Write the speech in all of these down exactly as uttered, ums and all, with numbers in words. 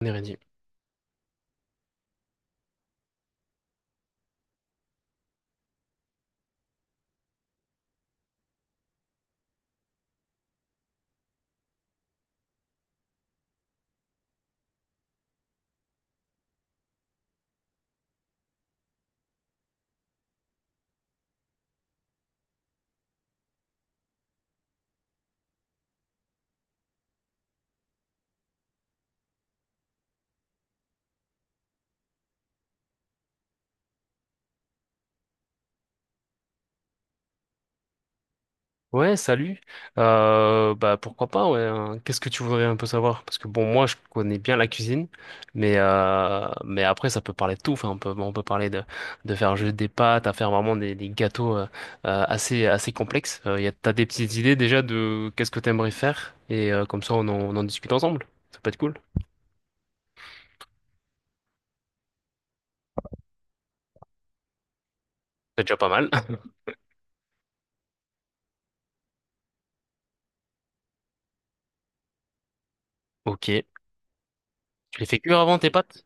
Neredi. Ouais, salut. Euh, bah pourquoi pas, ouais, hein. Qu'est-ce que tu voudrais un peu savoir? Parce que bon, moi je connais bien la cuisine, mais euh, mais après ça peut parler de tout. Enfin, on peut on peut parler de de faire juste des pâtes, à faire vraiment des, des gâteaux euh, euh, assez assez complexes. Euh, y a, t'as des petites idées déjà de qu'est-ce que t'aimerais faire et euh, comme ça on en, on en discute ensemble. Ça peut être cool. C'est déjà pas mal. Ok. Tu les fais cuire avant tes pâtes?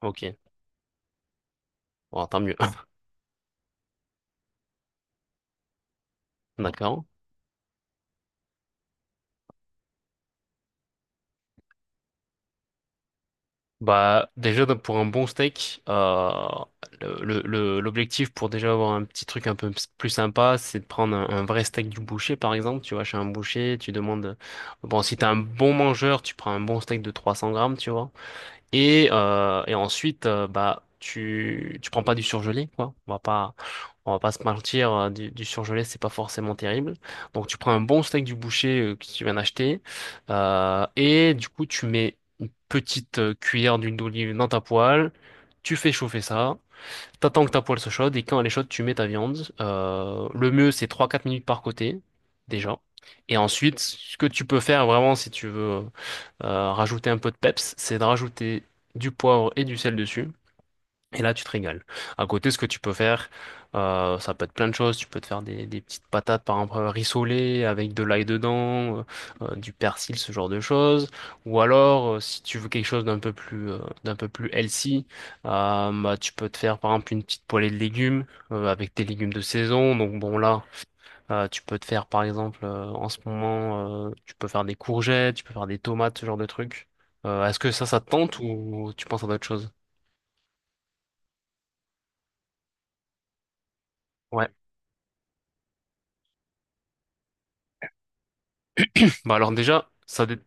Ok. Bon, tant mieux. D'accord. Bah déjà donc, pour un bon steak, euh, le, le- le- l'objectif pour déjà avoir un petit truc un peu ps- plus sympa, c'est de prendre un, un vrai steak du boucher par exemple. Tu vas chez un boucher, tu demandes. Bon, si t'es un bon mangeur, tu prends un bon steak de trois cents grammes, tu vois. Et, euh, et ensuite, euh, bah, tu, tu prends pas du surgelé, quoi. On va pas, on va pas se mentir, euh, du, du surgelé, c'est pas forcément terrible. Donc, tu prends un bon steak du boucher euh, que tu viens d'acheter, euh, et du coup, tu mets une petite euh, cuillère d'huile d'olive dans ta poêle, tu fais chauffer ça, t'attends que ta poêle se chaude, et quand elle est chaude, tu mets ta viande. Euh, le mieux, c'est trois quatre minutes par côté, déjà. Et ensuite, ce que tu peux faire vraiment si tu veux euh, rajouter un peu de peps, c'est de rajouter du poivre et du sel dessus. Et là, tu te régales. À côté, ce que tu peux faire, euh, ça peut être plein de choses. Tu peux te faire des, des petites patates, par exemple, rissolées avec de l'ail dedans, euh, euh, du persil, ce genre de choses. Ou alors, euh, si tu veux quelque chose d'un peu plus, euh, d'un peu plus healthy, euh, bah, tu peux te faire, par exemple, une petite poêlée de légumes euh, avec tes légumes de saison. Donc bon, là. Euh, tu peux te faire, par exemple, euh, en ce moment, euh, tu peux faire des courgettes, tu peux faire des tomates, ce genre de trucs. Euh, est-ce que ça, ça te tente ou tu penses à d'autres choses? Ouais. Bah alors déjà, ça, dé-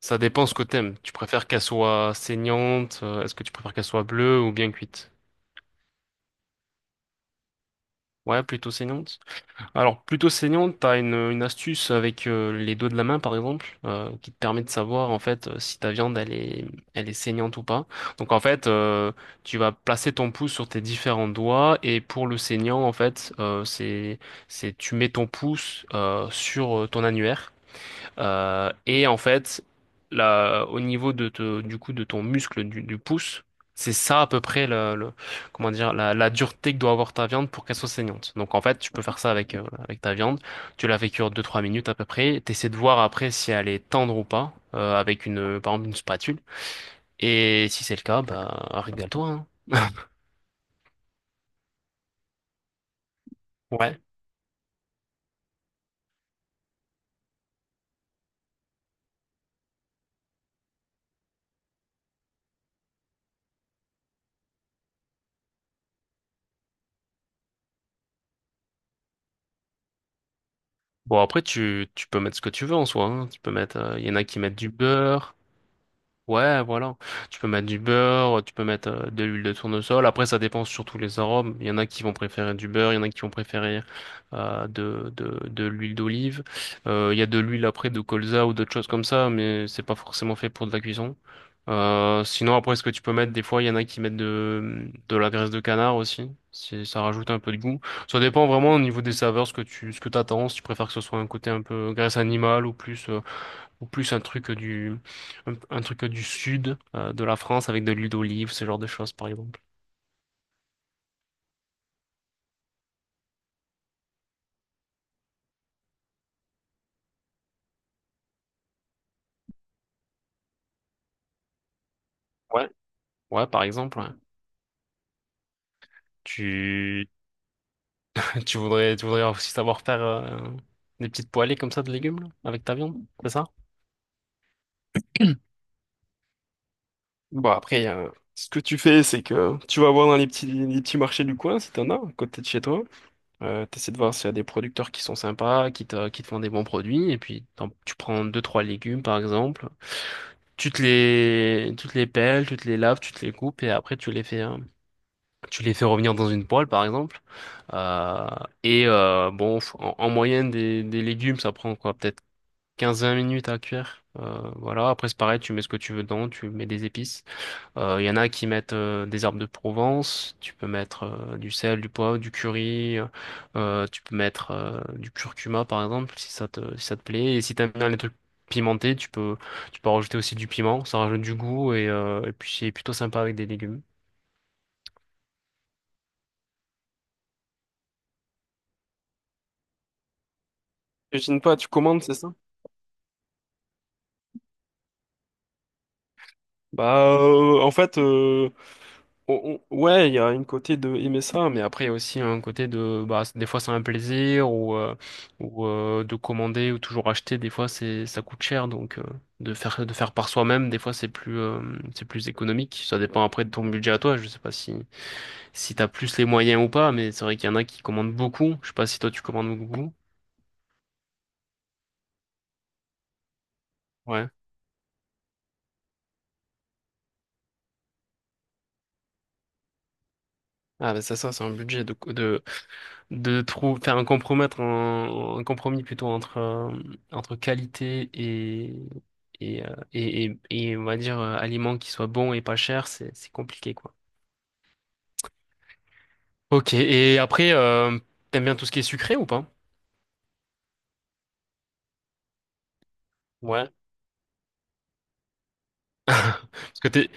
ça dépend ce que t'aimes. Tu préfères qu'elle soit saignante? Euh, est-ce que tu préfères qu'elle soit bleue ou bien cuite? Ouais, plutôt saignante. Alors, plutôt saignante, t'as une, une astuce avec euh, les dos de la main, par exemple, euh, qui te permet de savoir, en fait, euh, si ta viande, elle est, elle est saignante ou pas. Donc, en fait, euh, tu vas placer ton pouce sur tes différents doigts, et pour le saignant, en fait, euh, c'est, c'est, tu mets ton pouce euh, sur euh, ton annulaire. Euh, et en fait, là, au niveau de te- du coup de ton muscle du, du pouce, c'est ça à peu près le, le- comment dire la, la dureté que doit avoir ta viande pour qu'elle soit saignante. Donc en fait, tu peux faire ça avec euh, voilà, avec ta viande. Tu la fais cuire deux trois minutes à peu près. T'essaies de voir après si elle est tendre ou pas euh, avec une par exemple une spatule. Et si c'est le cas, bah régale-toi, hein. Ouais. Bon après tu tu peux mettre ce que tu veux en soi, hein. Tu peux mettre, euh, il y en a qui mettent du beurre. Ouais, voilà. Tu peux mettre du beurre, tu peux mettre euh, de l'huile de tournesol. Après, ça dépend surtout les arômes. Il y en a qui vont préférer du beurre, il y en a qui vont préférer euh, de, de, de l'huile d'olive. Euh, il y a de l'huile après de colza ou d'autres choses comme ça, mais c'est pas forcément fait pour de la cuisson. Euh, sinon, après, ce que tu peux mettre, des fois, il y en a qui mettent de, de la graisse de canard aussi, si ça rajoute un peu de goût. Ça dépend vraiment au niveau des saveurs, ce que tu, ce que t'attends, si tu préfères que ce soit un côté un peu graisse animale ou plus euh, ou plus un truc du, un, un truc du sud euh, de la France avec de l'huile d'olive, ce genre de choses, par exemple. Ouais. Ouais, par exemple, ouais. Tu, tu voudrais, tu voudrais aussi savoir faire euh, des petites poêlées comme ça de légumes là, avec ta viande, c'est ça? Bon, après, il Ce que tu fais, c'est que tu vas voir dans les petits, les petits marchés du coin, si t'en as, à côté de chez toi. Euh, t'essaies de voir s'il y a des producteurs qui sont sympas, qui te, qui te font des bons produits, et puis t'en- tu prends deux, trois légumes par exemple, tu te les, tu te les pelles, tu te les laves, tu te les coupes, et après tu les fais, hein, tu les fais revenir dans une poêle par exemple. Euh, et euh, bon, f- en, en moyenne des, des légumes, ça prend quoi, peut-être quinze vingt minutes à cuire. Euh, voilà, après c'est pareil, tu mets ce que tu veux dedans, tu mets des épices. Euh, Il y en a qui mettent euh, des herbes de Provence, tu peux mettre euh, du sel, du poivre, du curry, euh, euh, tu peux mettre euh, du curcuma par exemple si ça te, si ça te plaît. Et si t'aimes bien les trucs pimentés, tu peux, tu peux rajouter aussi du piment, ça rajoute du goût et, euh, et puis c'est plutôt sympa avec des légumes. Cuisine pas, tu commandes, c'est ça? Bah, euh, en fait, O- o- ouais, il y a une côté de aimer ça, mais après il y a aussi un côté de bah des fois c'est un plaisir ou euh, ou euh, de commander ou toujours acheter, des fois c'est ça coûte cher donc euh, de faire de faire par soi-même, des fois c'est plus euh, c'est plus économique, ça dépend après de ton budget à toi, je sais pas si si t'as plus les moyens ou pas, mais c'est vrai qu'il y en a qui commandent beaucoup, je sais pas si toi tu commandes beaucoup. Ouais. Ah bah ça ça c'est un budget de de de trouver, faire un compromettre un, un compromis plutôt entre euh, entre qualité et et, euh, et et et on va dire euh, aliments qui soient bons et pas chers, c'est c'est compliqué quoi. Ok, et après, euh, t'aimes bien tout ce qui est sucré ou pas? Ouais. Parce que t'es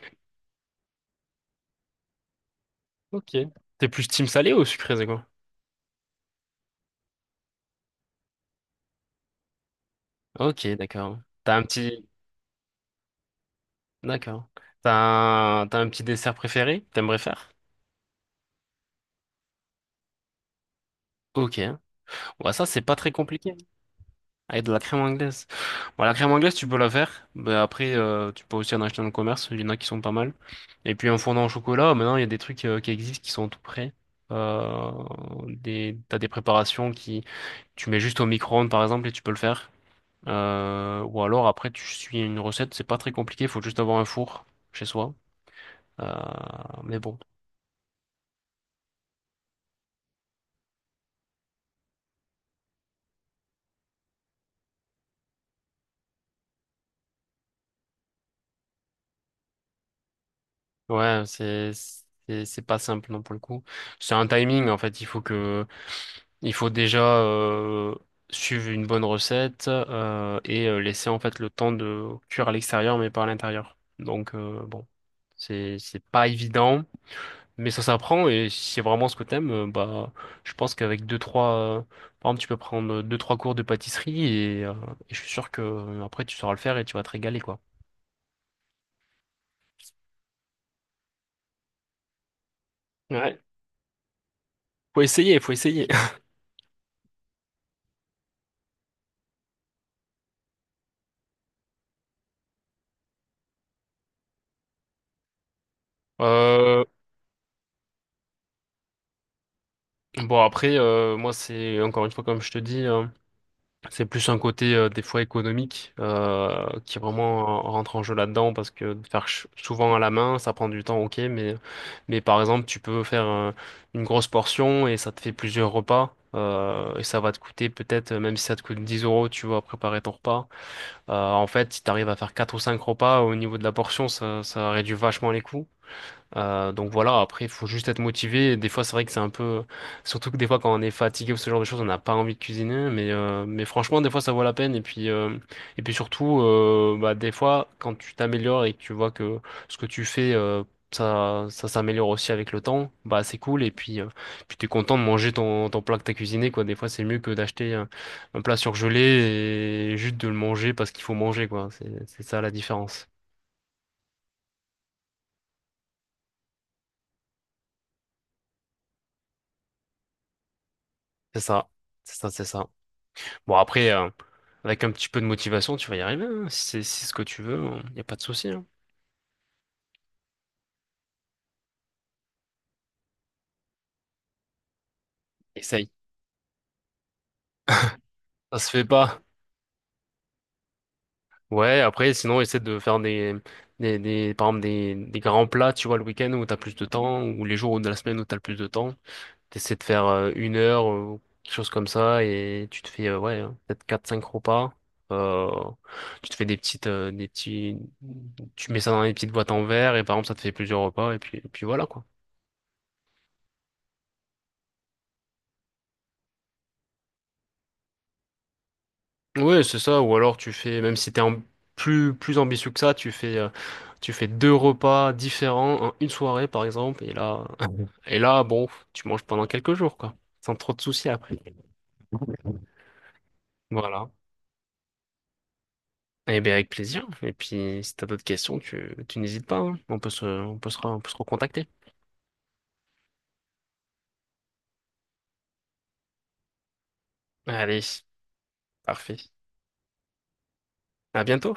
ok, t'es plus team salé ou sucré, c'est quoi? Ok, d'accord. T'as un petit D'accord. T'as un... t'as un petit dessert préféré? Que t'aimerais faire? Ok. Ouais, ça c'est pas très compliqué. Avec de la crème anglaise. Bon, la crème anglaise, tu peux la faire. Mais après, euh, tu peux aussi en acheter dans le commerce. Il y en a qui sont pas mal. Et puis, en fondant au chocolat, maintenant, il y a des trucs euh, qui existent qui sont tout prêts. Euh, des, T'as des préparations qui, tu mets juste au micro-ondes, par exemple, et tu peux le faire. Euh, ou alors, après, tu suis une recette. C'est pas très compliqué. Il faut juste avoir un four chez soi. Euh, mais bon. Ouais, c'est, c'est, c'est pas simple, non, pour le coup. C'est un timing, en fait. Il faut que, Il faut déjà euh, suivre une bonne recette euh, et euh, laisser en fait le temps de cuire à l'extérieur mais pas à l'intérieur. Donc euh, bon, c'est c'est pas évident, mais ça s'apprend et si c'est vraiment ce que t'aimes, euh, bah je pense qu'avec deux trois, euh, par exemple tu peux prendre deux trois cours de pâtisserie et, euh, et je suis sûr que euh, après tu sauras le faire et tu vas te régaler quoi. Ouais. Faut essayer, faut essayer. Euh, bon après euh, moi c'est encore une fois comme je te dis, hein. C'est plus un côté euh, des fois économique euh, qui vraiment euh, rentre en jeu là-dedans parce que de faire ch- souvent à la main, ça prend du temps, ok, mais mais par exemple tu peux faire euh, une grosse portion et ça te fait plusieurs repas euh, et ça va te coûter peut-être euh, même si ça te coûte dix euros, tu vois, préparer ton repas. Euh, en fait, si tu arrives à faire quatre ou cinq repas au niveau de la portion, ça, ça réduit vachement les coûts euh, donc voilà, après, il faut juste être motivé. Et des fois, c'est vrai que c'est un peu... Surtout que des fois, quand on est fatigué ou ce genre de choses, on n'a pas envie de cuisiner. Mais, euh, mais franchement, des fois, ça vaut la peine. Et puis, euh, et puis surtout, euh, bah, des fois, quand tu t'améliores et que tu vois que ce que tu fais, euh, ça, ça s'améliore aussi avec le temps, bah, c'est cool. Et puis, euh, puis tu es content de manger ton, ton plat que tu as cuisiné, quoi. Des fois, c'est mieux que d'acheter un, un plat surgelé et juste de le manger parce qu'il faut manger, quoi. C'est, c'est ça la différence. C'est ça. C'est ça, c'est ça. Bon, après... euh, avec un petit peu de motivation, tu vas y arriver, hein. Si c'est si c'est ce que tu veux, il n'y a pas de souci, hein. Essaye. Ça se fait pas. Ouais, après, sinon, essaie de faire des, des, des- par exemple, des, des grands plats, tu vois, le week-end où t'as plus de temps, ou les jours de la semaine où t'as le plus de temps. T'essaies de faire euh, une heure, euh, ou quelque chose comme ça, et tu te fais, euh, ouais, hein, peut-être quatre cinq repas. Euh, tu te fais des petites, euh, des petits, Tu mets ça dans des petites boîtes en verre, et par exemple, ça te fait plusieurs repas, et puis, et puis voilà, quoi. Ouais, c'est ça. Ou alors tu fais, même si t'es am- plus plus ambitieux que ça, tu fais euh, tu fais deux repas différents en une soirée par exemple. Et là, et là, bon, tu manges pendant quelques jours quoi, sans trop de soucis après. Voilà. Eh bien avec plaisir. Et puis si t'as d'autres questions, tu tu n'hésites pas, hein. On peut se on peut se re- on peut se recontacter. Allez, parfait. À bientôt.